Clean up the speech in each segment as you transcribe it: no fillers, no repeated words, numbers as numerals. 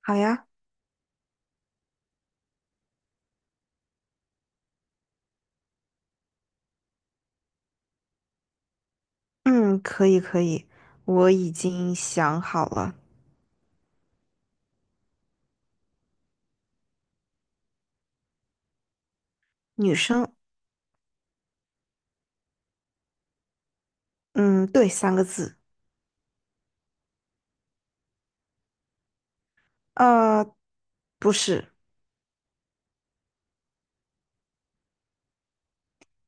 好呀，嗯，可以，我已经想好了，女生，嗯，对，三个字，呃，不是，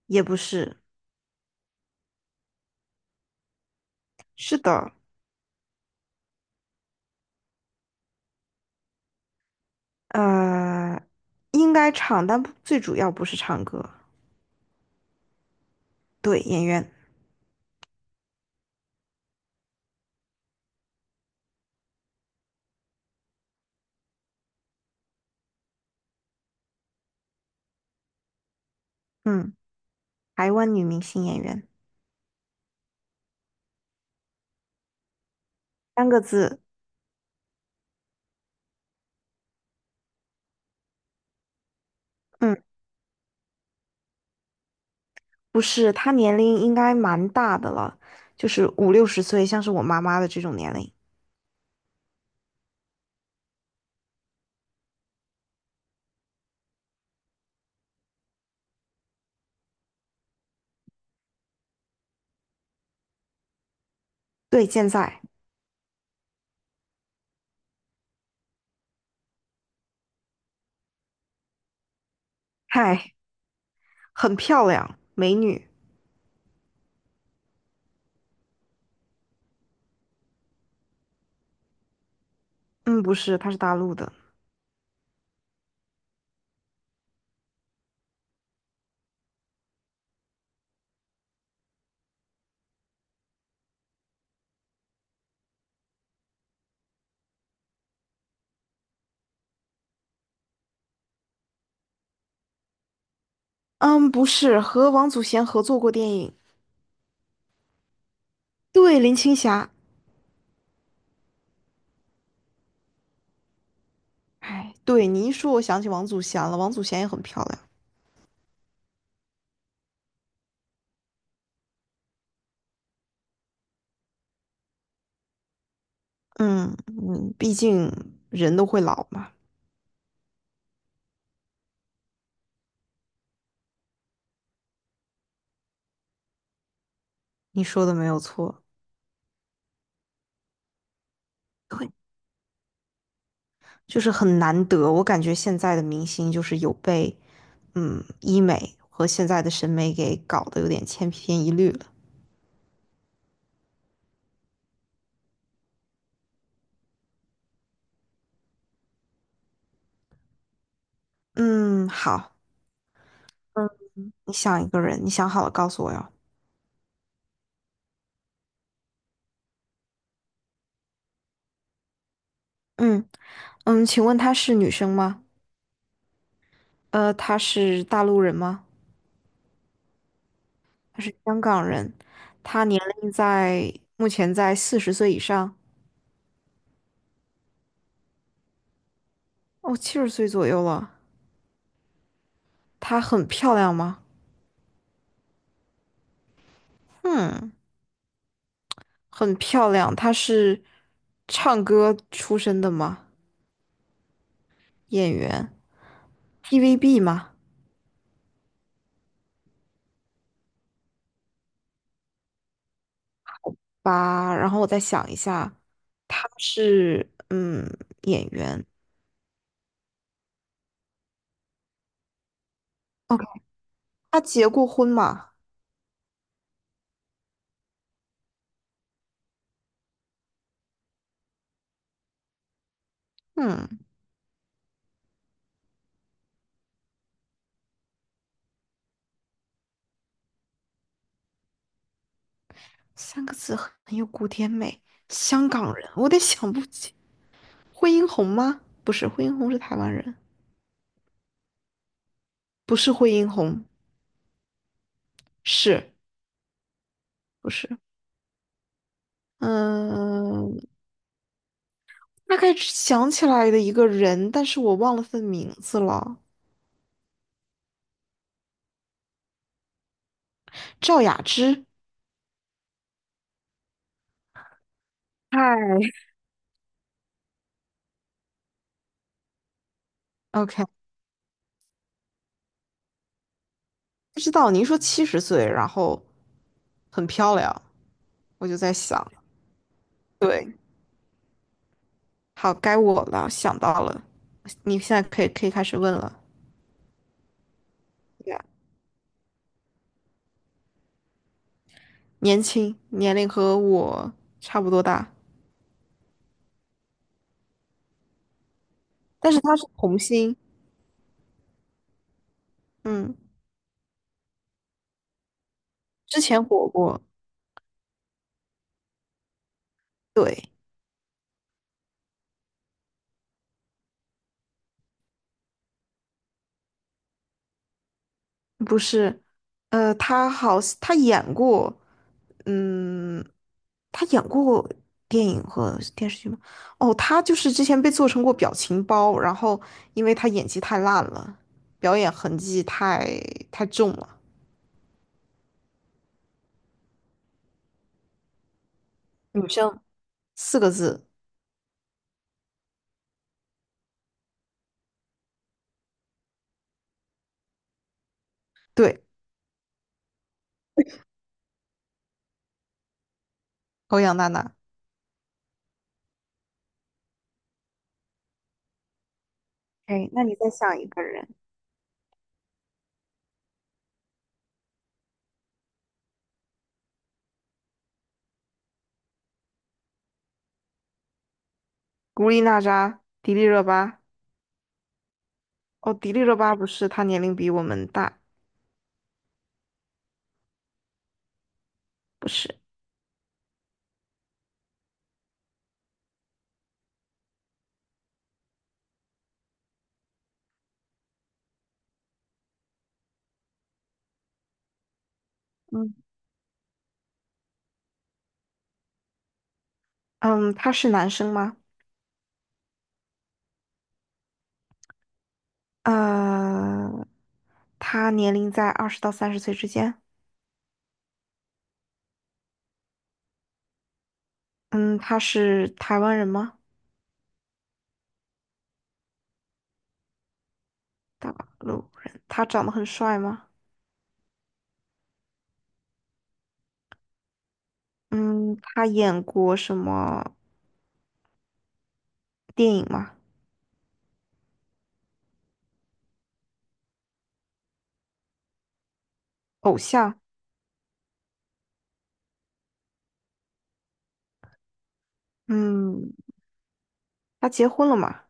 也不是，是的，呃，应该唱，但不最主要不是唱歌，对，演员，嗯，台湾女明星演员，三个字，嗯，不是，她年龄应该蛮大的了，就是五六十岁，像是我妈妈的这种年龄，对，健在，嗨，很漂亮，美女，嗯，不是，她是大陆的。嗯，不是，和王祖贤合作过电影，对，林青霞。哎，对，你一说，我想起王祖贤了。王祖贤也很漂亮。嗯嗯，毕竟人都会老嘛，你说的没有错。对，就是很难得，我感觉现在的明星就是有被，医美和现在的审美给搞得有点千篇一律了。嗯，好，嗯，你想一个人，你想好了告诉我哟。嗯嗯，请问她是女生吗？她是大陆人吗？她是香港人，她年龄在目前在40岁以上，哦，七十岁左右了。她很漂亮吗？嗯，很漂亮。她是唱歌出身的吗？演员，TVB 吗？吧，然后我再想一下，她是演员。OK，她结过婚吗？嗯，三个字很有古典美。香港人，我得想不起。惠英红吗？不是，惠英红是台湾人。不是惠英红，是不是？嗯，大概想起来的一个人，但是我忘了他的名字了。赵雅芝。嗨，OK，不知道您说七十岁，然后很漂亮，我就在想，对，好，该我了，想到了，你现在可以开始问了。对呀，年轻，年龄和我差不多大，但是他是童星，嗯，之前火过，对。不是，他演过，嗯，他演过电影和电视剧吗？哦，他就是之前被做成过表情包，然后因为他演技太烂了，表演痕迹太重了，女生。四个字，对，欧阳娜娜，哎，那你再想一个人，古力娜扎，迪丽热巴。哦，迪丽热巴不是，她年龄比我们大，不是。嗯，嗯，他是男生吗？呃，他年龄在20到30岁之间。嗯，他是台湾人吗？大陆人。他长得很帅吗？嗯，他演过什么电影吗？偶像。嗯，他结婚了吗？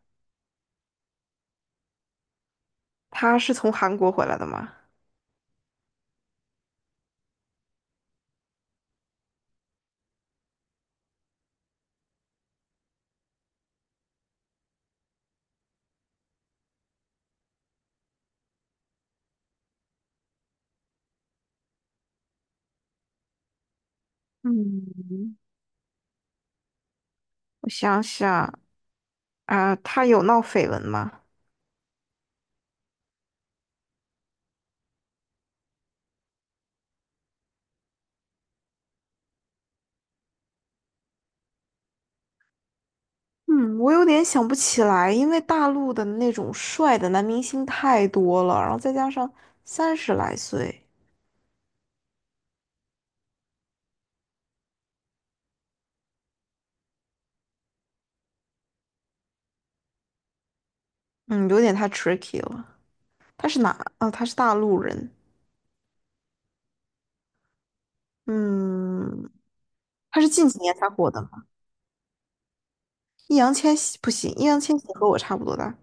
他是从韩国回来的吗？嗯，我想想啊，他有闹绯闻吗？嗯，我有点想不起来，因为大陆的那种帅的男明星太多了，然后再加上30来岁，嗯，有点太 tricky 了。他是哪？啊？他是大陆人。嗯，他是近几年才火的吗？易烊千玺不行，易烊千玺和我差不多大。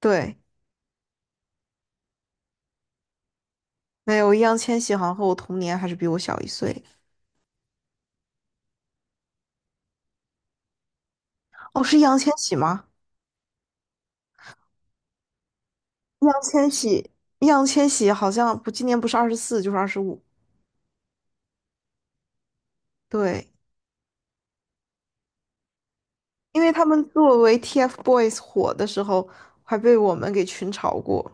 对，没有，易烊千玺好像和我同年，还是比我小一岁。哦，是易烊千玺吗？易烊千玺，易烊千玺好像不，今年不是24就是25。对，因为他们作为 TFBOYS 火的时候，还被我们给群嘲过。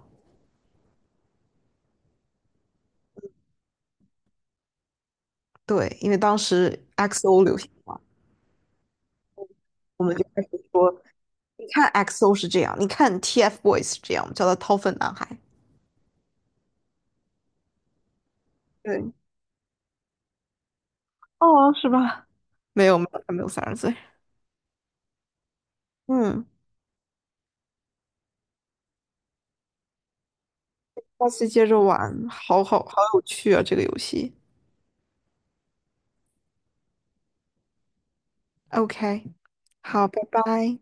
对，因为当时 XO 流行嘛，说你看 XO 是这样，你看 TFBOYS 是这样，我们叫他掏粪男孩。对，哦，是吧？没有没有，还没有三十岁。嗯，下次接着玩，好好好有趣啊，这个游戏。OK，好，拜拜。